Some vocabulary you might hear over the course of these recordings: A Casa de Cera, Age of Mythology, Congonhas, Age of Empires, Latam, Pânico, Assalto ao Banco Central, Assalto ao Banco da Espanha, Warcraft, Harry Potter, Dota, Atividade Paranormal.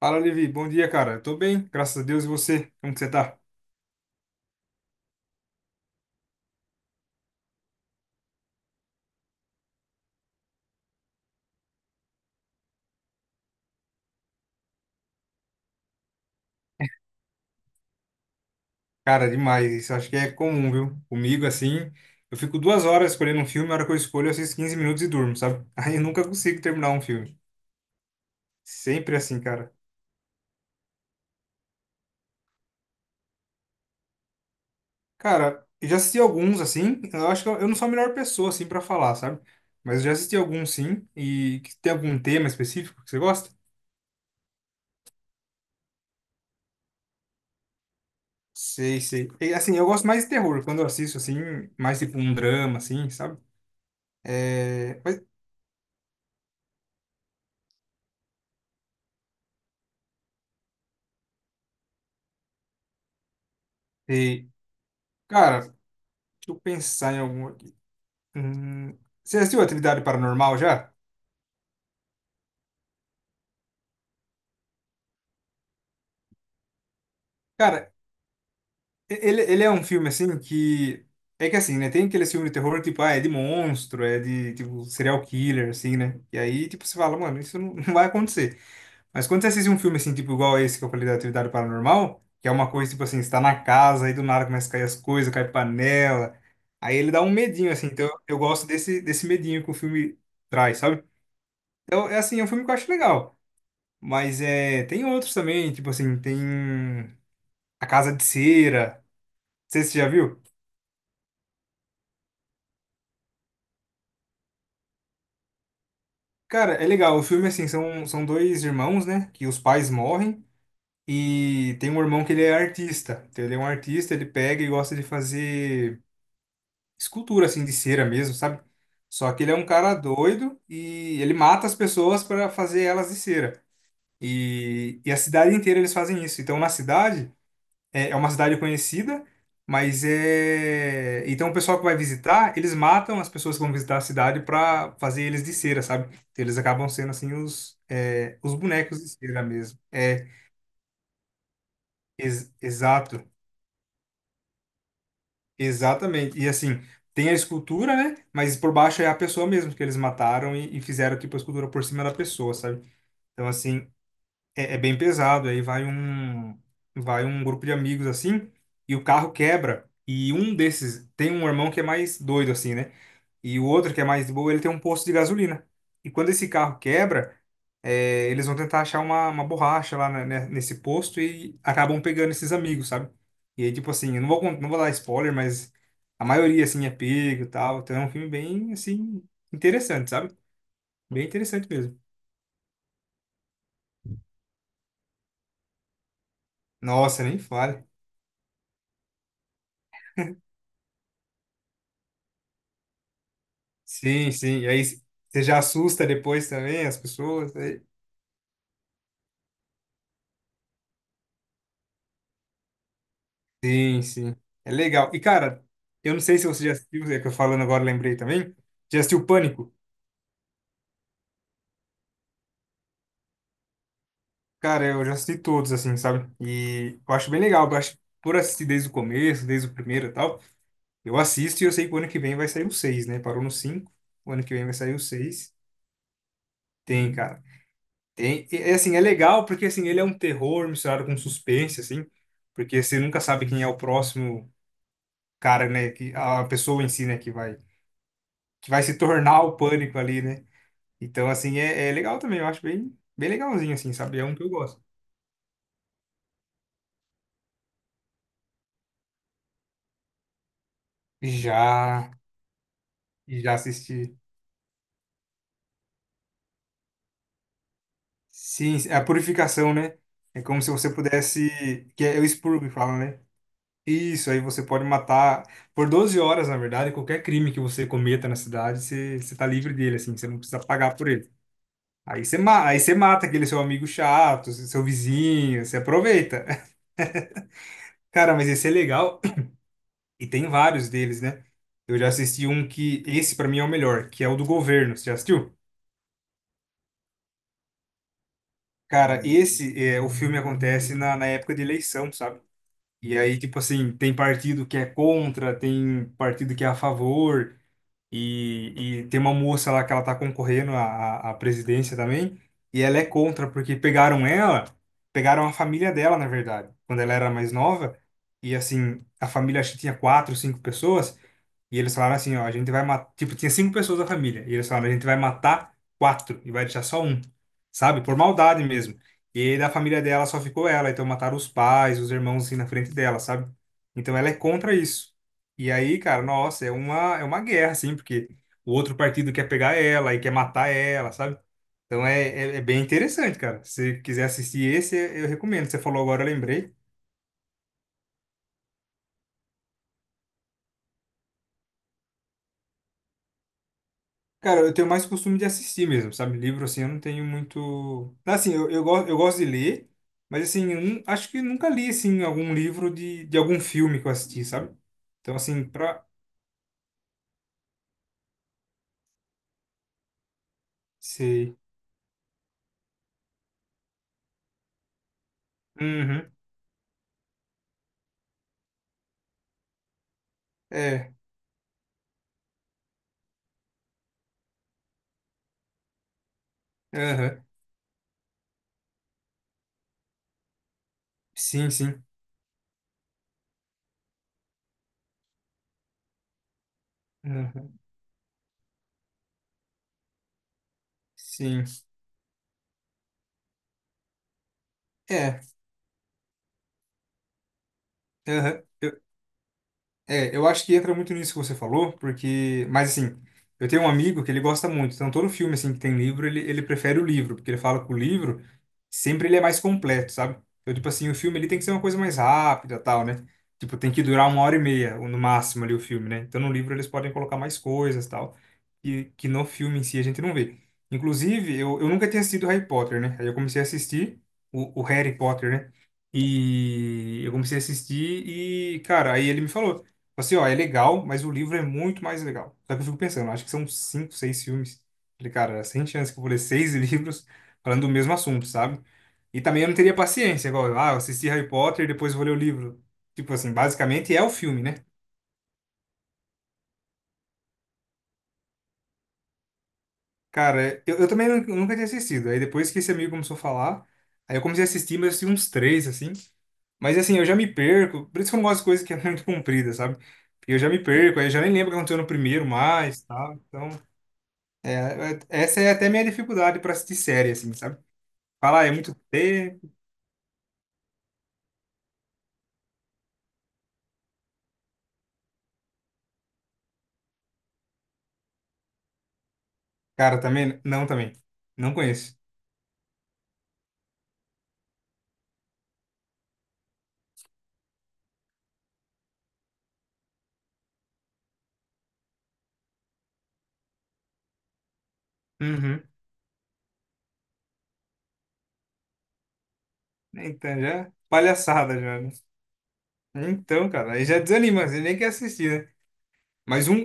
Fala, Levi. Bom dia, cara. Eu tô bem, graças a Deus. E você? Como que você tá? Cara, demais. Isso acho que é comum, viu? Comigo, assim, eu fico 2 horas escolhendo um filme, a hora que eu escolho, eu assisto 15 minutos e durmo, sabe? Aí eu nunca consigo terminar um filme. Sempre assim, cara. Cara, eu já assisti alguns, assim, eu acho que eu não sou a melhor pessoa, assim, pra falar, sabe? Mas eu já assisti alguns, sim, e que tem algum tema específico que você gosta? Sei, sei. E, assim, eu gosto mais de terror, quando eu assisto, assim, mais tipo um drama, assim, sabe? É. Mas, e, cara. Deixa eu pensar em algum aqui. Hum, Você assistiu Atividade Paranormal já? Cara, ele é um filme assim que. É que assim, né? Tem aqueles filmes de terror, tipo, ah, é de monstro, é de, tipo, serial killer, assim, né? E aí, tipo, você fala, mano, isso não, não vai acontecer. Mas quando você assiste um filme, assim, tipo, igual esse que eu falei da Atividade Paranormal, que é uma coisa, tipo assim, você tá na casa, aí do nada começa a cair as coisas, cai panela. Aí ele dá um medinho, assim. Então eu gosto desse medinho que o filme traz, sabe? Então, é assim, é um filme que eu acho legal. Mas é, tem outros também, tipo assim, tem A Casa de Cera. Não sei se você já viu. Cara, é legal. O filme, assim, são dois irmãos, né? Que os pais morrem. E tem um irmão que ele é artista. Então, ele é um artista, ele pega e gosta de fazer escultura, assim, de cera mesmo, sabe? Só que ele é um cara doido e ele mata as pessoas para fazer elas de cera. E a cidade inteira eles fazem isso. Então, na cidade. É uma cidade conhecida, mas é. Então o pessoal que vai visitar, eles matam as pessoas que vão visitar a cidade para fazer eles de cera, sabe? Então, eles acabam sendo assim os, é, os bonecos de cera mesmo. É, exato, exatamente. E assim, tem a escultura, né? Mas por baixo é a pessoa mesmo que eles mataram e fizeram tipo a escultura por cima da pessoa, sabe? Então assim, é bem pesado. Aí vai um grupo de amigos assim, e o carro quebra. E um desses tem um irmão que é mais doido assim, né? E o outro que é mais de boa, ele tem um posto de gasolina. E quando esse carro quebra, eles vão tentar achar uma borracha lá né, nesse posto e acabam pegando esses amigos, sabe? E aí, tipo assim, eu não vou, não vou dar spoiler, mas a maioria, assim, é pego e tal. Então é um filme bem, assim, interessante, sabe? Bem interessante mesmo. Nossa, nem fale. Sim, sim. E aí você já assusta depois também as pessoas, né? Sim, sim. É legal. E, cara, eu não sei se você já assistiu, é que eu falando agora lembrei também. Já assistiu Pânico? Cara, eu já assisti todos, assim, sabe? E eu acho bem legal. Eu acho, por assistir desde o começo, desde o primeiro e tal, eu assisto e eu sei que o ano que vem vai sair o seis, né? Parou no cinco. O ano que vem vai sair o seis. Tem, cara. Tem. E, é, assim, é legal porque, assim, ele é um terror misturado com suspense, assim, porque você nunca sabe quem é o próximo cara, né, que a pessoa em si, né, que vai se tornar o pânico ali, né? Então, assim, é legal também, eu acho bem bem legalzinho assim, sabe? É um que eu gosto. Já já assisti. Sim, é a purificação, né? É como se você pudesse, que é o expurgo que fala, né? Isso, aí você pode matar por 12 horas, na verdade, qualquer crime que você cometa na cidade, você tá livre dele, assim, você não precisa pagar por ele. Aí você, ma- aí você mata aquele seu amigo chato, seu vizinho, você aproveita. Cara, mas esse é legal. E tem vários deles, né? Eu já assisti um que, esse pra mim é o melhor, que é o do governo. Você já assistiu? Cara, esse, é, o filme acontece na época de eleição, sabe? E aí, tipo assim, tem partido que é contra, tem partido que é a favor, e tem uma moça lá que ela tá concorrendo à, à presidência também, e ela é contra, porque pegaram ela, pegaram a família dela, na verdade, quando ela era mais nova, e assim, a família acho que tinha quatro, cinco pessoas. E eles falaram assim, ó, a gente vai matar. Tipo, tinha cinco pessoas da família. E eles falaram, a gente vai matar quatro e vai deixar só um. Sabe? Por maldade mesmo. E da família dela só ficou ela. Então mataram os pais, os irmãos assim na frente dela, sabe? Então ela é contra isso. E aí, cara, nossa, é uma, guerra, assim, porque o outro partido quer pegar ela e quer matar ela, sabe? Então é bem interessante, cara. Se você quiser assistir esse, eu recomendo. Você falou agora, eu lembrei. Cara, eu tenho mais costume de assistir mesmo, sabe? Livro, assim, eu não tenho muito. Tá. Assim, eu gosto de ler, mas, assim, eu acho que nunca li, assim, algum livro de algum filme que eu assisti, sabe? Então, assim, pra. Sei. Uhum. É. Aham. Sim, sim. Aham. Sim. É. Aham. É, eu acho que entra muito nisso que você falou, porque. Mas, assim, eu tenho um amigo que ele gosta muito, então todo filme, assim, que tem livro, ele prefere o livro, porque ele fala que o livro sempre ele é mais completo, sabe? Então, tipo assim, o filme ele tem que ser uma coisa mais rápida, tal, né? Tipo, tem que durar uma hora e meia, ou no máximo, ali, o filme, né? Então, no livro eles podem colocar mais coisas, tal, que no filme em si a gente não vê. Inclusive, eu nunca tinha assistido Harry Potter, né? Aí eu comecei a assistir o Harry Potter, né? E eu comecei a assistir e, cara, aí ele me falou tipo assim, ó, é legal, mas o livro é muito mais legal. Só que eu fico pensando, acho que são cinco, seis filmes. Falei, cara, sem chance que eu vou ler seis livros falando do mesmo assunto, sabe? E também eu não teria paciência, igual, ah, eu assisti Harry Potter e depois vou ler o livro. Tipo assim, basicamente é o filme, né? Cara, eu também nunca tinha assistido. Aí depois que esse amigo começou a falar, aí eu comecei a assistir, mas eu assisti uns três, assim. Mas assim, eu já me perco. Por isso que eu não gosto de coisa que é muito comprida, sabe? Porque eu já me perco, aí eu já nem lembro o que aconteceu no primeiro mais, tá? Então. Essa é até minha dificuldade pra assistir série, assim, sabe? Falar, ah, é muito T. Cara, também? Não, também. Não conheço. Uhum. Então, já. Palhaçada, já, né? Então, cara, aí já desanima, você nem quer assistir, né? Mas um.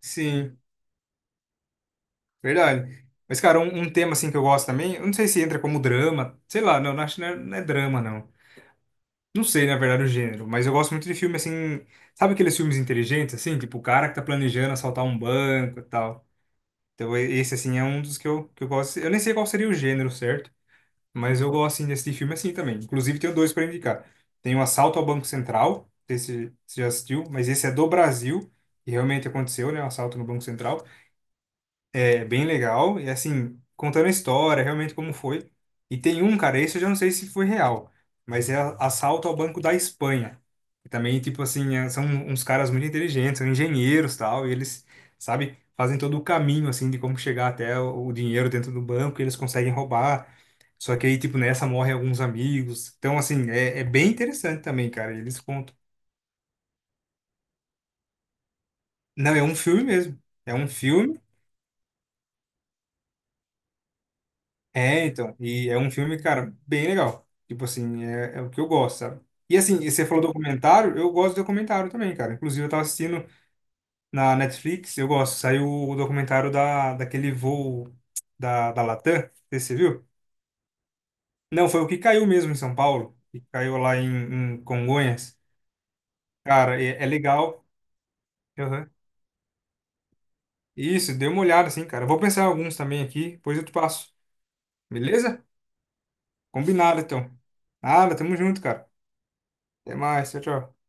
Sim, verdade. Mas, cara, um tema, assim, que eu gosto também. Eu não sei se entra como drama. Sei lá, não, não acho que não é drama, não. Não sei, na verdade, o gênero. Mas eu gosto muito de filme, assim. Sabe aqueles filmes inteligentes, assim? Tipo, o cara que tá planejando assaltar um banco e tal. Então, esse, assim, é um dos que eu gosto. Eu nem sei qual seria o gênero, certo? Mas eu gosto, assim, de assistir filme assim também. Inclusive, tenho dois para indicar. Tem o Assalto ao Banco Central, não sei se você já assistiu, mas esse é do Brasil, e realmente aconteceu, né? O assalto no Banco Central. É bem legal. E assim, contando a história, realmente como foi. E tem um, cara, esse eu já não sei se foi real, mas é assalto ao Banco da Espanha. E também, tipo assim, são uns caras muito inteligentes, são engenheiros tal, e eles, sabe, fazem todo o caminho, assim, de como chegar até o dinheiro dentro do banco, e eles conseguem roubar. Só que aí, tipo, nessa morrem alguns amigos. Então, assim, é bem interessante também, cara. Eles contam. Não, é um filme mesmo. É um filme. É, então, e é um filme, cara, bem legal. Tipo assim, é o que eu gosto, sabe? E assim, e você falou documentário, eu gosto de documentário também, cara. Inclusive, eu tava assistindo na Netflix, eu gosto. Saiu o documentário daquele voo da, da, Latam, não sei se você viu? Não, foi o que caiu mesmo em São Paulo, que caiu lá em Congonhas. Cara, é legal. Aham. Isso, dê uma olhada assim, cara. Eu vou pensar em alguns também aqui, depois eu te passo. Beleza? Combinado, então. Nada, tamo junto, cara. Até mais, tchau, tchau.